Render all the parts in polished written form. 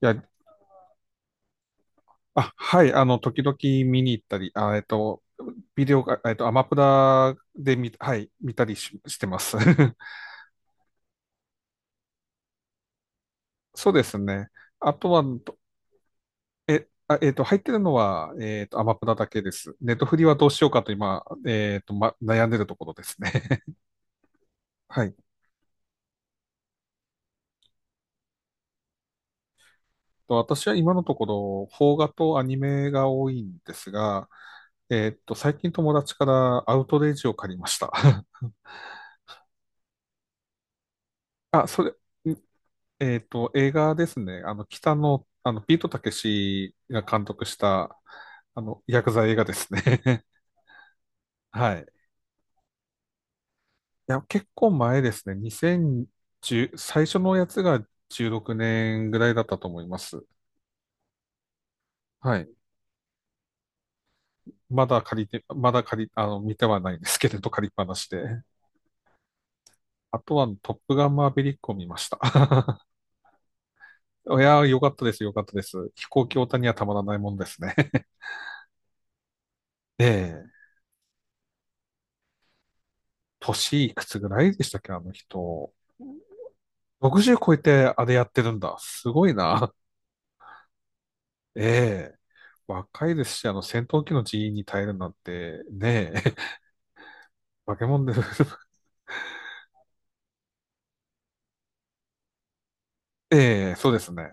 いや、時々見に行ったり、ビデオが、アマプラではい、見たりし、してます。そうですね。あとは、どえ、あ、えっと、入ってるのは、アマプラだけです。ネットフリはどうしようかと今、ま、悩んでるところですね。はい。と私は今のところ、邦画とアニメが多いんですが、最近友達からアウトレイジを借りました。あ、それ、映画ですね。北野、ピートたけしが監督した、ヤクザ映画ですね。はい。いや、結構前ですね。2010、最初のやつが16年ぐらいだったと思います。はい。まだ借りて、まだ借り、あの、見てはないんですけれど、借りっぱなしで。あとは、トップガンマーヴェリックを見ました。いや、よかったです、よかったです。飛行機オタにはたまらないもんですね。ええ。年いくつぐらいでしたっけ、あの人。60超えてあれやってるんだ。すごいな。ええ。若いですし、戦闘機の人員に耐えるなんて、ねえ。化け物です。ええ、そうですね。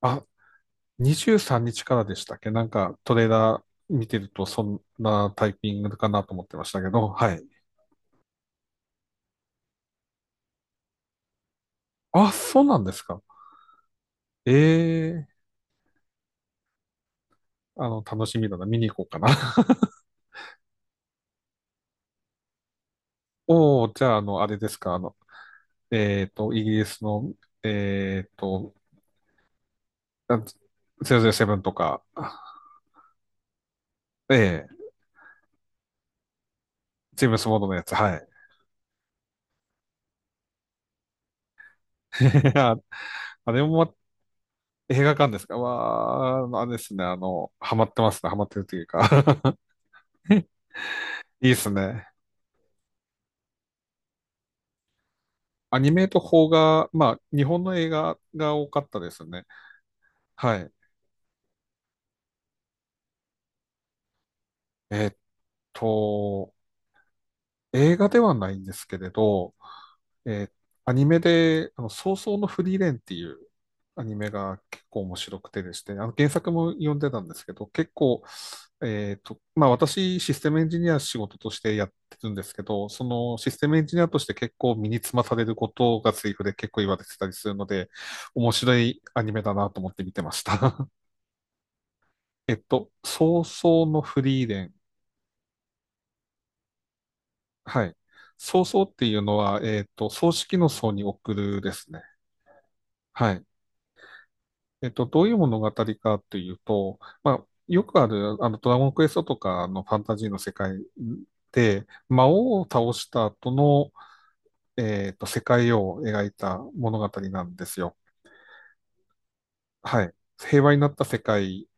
あ、23日からでしたっけなんか、トレーラー見てると、そんなタイピングかなと思ってましたけど、はい。あ、そうなんですか。ええ、楽しみだな。見に行こうかな。おお、じゃあ、あれですか。イギリスの、えっと、あ007とか、ええ。チームスモードのやつ、はい。ああれもま映画館ですかわー、あれですね、ハマってますね、ハマってるというか。 いいですね。アニメと邦画、まあ、日本の映画が多かったですね。はい。えーっと、映画ではないんですけれど、えーアニメで、葬送のフリーレンっていうアニメが結構面白くてですね、原作も読んでたんですけど、結構、まあ私、システムエンジニア仕事としてやってるんですけど、そのシステムエンジニアとして結構身につまされることがセリフで結構言われてたりするので、面白いアニメだなと思って見てました。葬送のフリーレン。はい。葬送っていうのは、葬式の葬に送るですね。はい。どういう物語かというと、まあ、よくある、ドラゴンクエストとかのファンタジーの世界で、魔王を倒した後の、世界を描いた物語なんですよ。はい。平和になった世界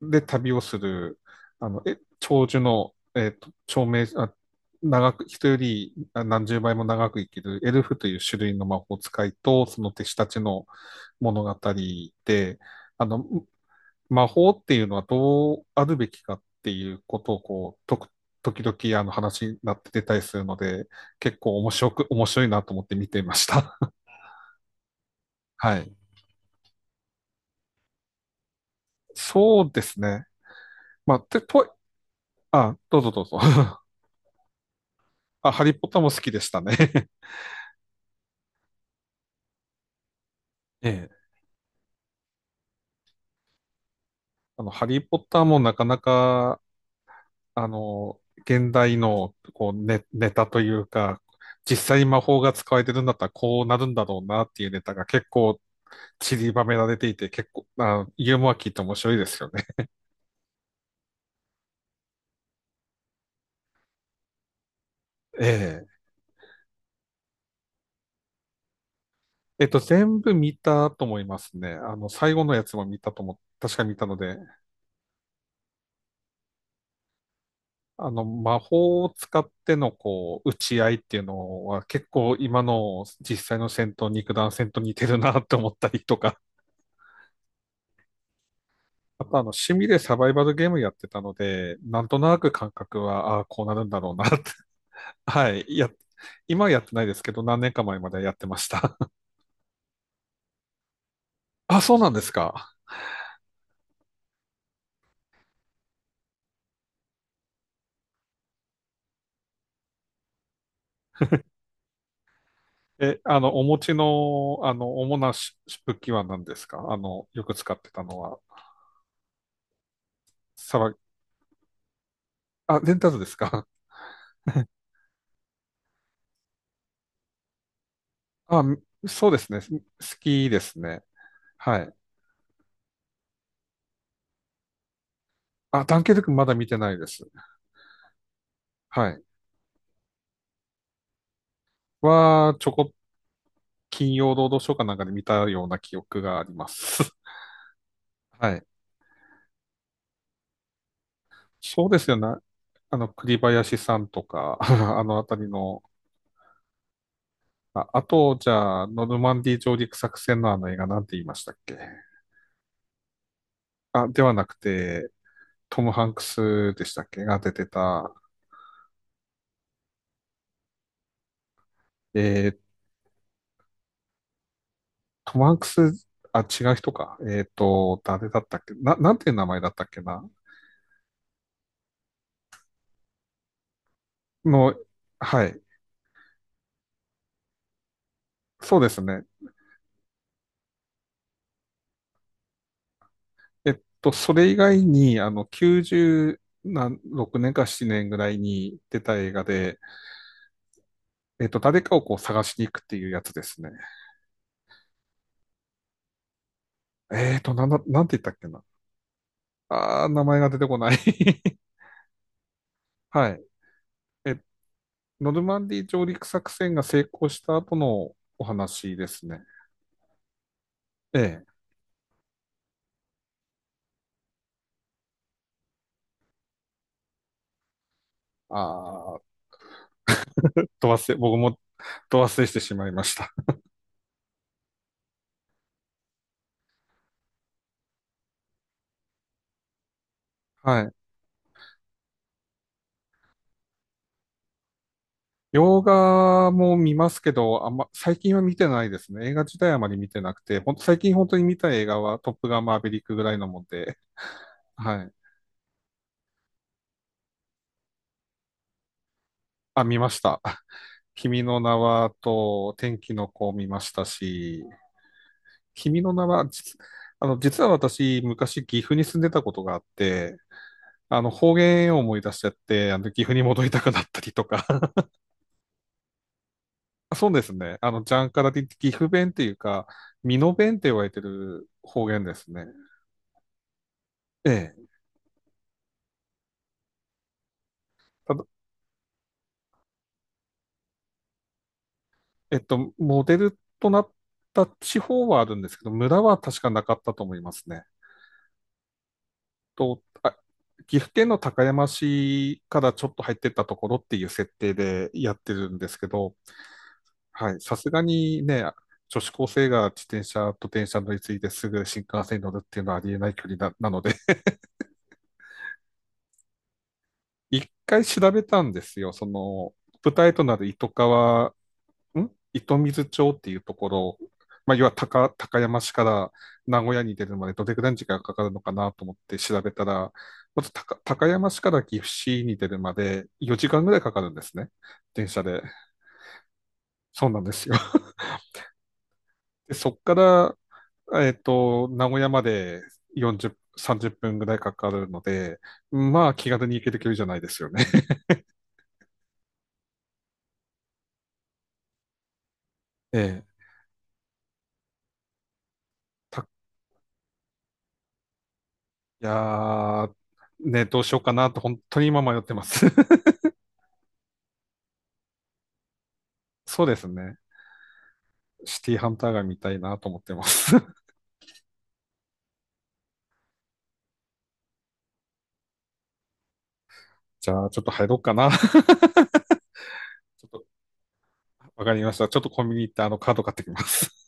で旅をする、あの、え、長寿の、えっと、長命、あ、長く、人より何十倍も長く生きるエルフという種類の魔法使いと、その弟子たちの物語で、あの、魔法っていうのはどうあるべきかっていうことをこう、時々あの話になって出たりするので、結構面白く、面白いなと思って見ていました。はい。そうですね。まあ、て、と、あ、どうぞどうぞ。あ、ハリーポッターも好きでしたね。ええ。ハリーポッターもなかなか、現代の、こう、ネタというか、実際に魔法が使われてるんだったらこうなるんだろうなっていうネタが結構散りばめられていて、結構、ユーモア効いて面白いですよね。ええ。全部見たと思いますね。最後のやつも見たと思確か見たので、魔法を使っての、こう、打ち合いっていうのは結構今の実際の戦闘、肉弾戦と似てるなって思ったりとか、あと趣味でサバイバルゲームやってたので、なんとなく感覚は、ああ、こうなるんだろうなって。はい。や、今はやってないですけど、何年か前までやってました。あ、そうなんですか。え、あの、お持ちの、主なし武器は何ですか、よく使ってたのは。サバ、あ、レンタルですか？ あ、そうですね。好きですね。はい。あ、ダンケルクまだ見てないです。はい。は、ちょこっ金曜ロードショーかなんかで見たような記憶があります。はい。そうですよね。栗林さんとか、あのあたりの、あ、あと、じゃあ、ノルマンディー上陸作戦のあの映画なんて言いましたっけ？あ、ではなくて、トム・ハンクスでしたっけが出てた、えー、トム・ハンクス、あ、違う人か。誰だったっけな、なんていう名前だったっけなの、はい。そうですね。それ以外に、96年か7年ぐらいに出た映画で、誰かをこう探しに行くっていうやつですね。なんだ、なんて言ったっけな。あー、名前が出てこない。はい。え、ノルマンディー上陸作戦が成功した後のお話ですね。ええ。あー、ど忘れ、僕もど忘れしてしまいました。はい。洋画も見ますけど、あんま、最近は見てないですね。映画自体あまり見てなくて、ほんと、最近本当に見た映画はトップガンマーヴェリックぐらいのもんで、はい。あ、見ました。君の名はと天気の子を見ましたし、君の名は、実あの、実は私、昔岐阜に住んでたことがあって、方言を思い出しちゃって、岐阜に戻りたくなったりとか。そうですね。ジャンカラで岐阜弁っていうか、美濃弁って言われてる方言ですね。ええ。ただ、モデルとなった地方はあるんですけど、村は確かなかったと思いますね。と、あ、岐阜県の高山市からちょっと入ってったところっていう設定でやってるんですけど、はい、さすがにね、女子高生が自転車と電車乗り継いですぐ新幹線に乗るっていうのはありえない距離なので、一回調べたんですよ。その、舞台となる糸川ん糸水町っていうところ、まあ、要は高山市から名古屋に出るまでどれくらいの時間がかかるのかなと思って調べたら、まず高山市から岐阜市に出るまで4時間ぐらいかかるんですね。電車で。そうなんですよ。で、そっから、名古屋まで40、30分ぐらいかかるので、まあ気軽に行ける距離じゃないですよね。ええ。たいやー、ね、どうしようかなと本当に今迷ってます。そうですね。シティハンターが見たいなと思ってます。じゃあ、ちょっと入ろうかな。ちょっと、わかりました。ちょっとコンビニ行ってあのカード買ってきます。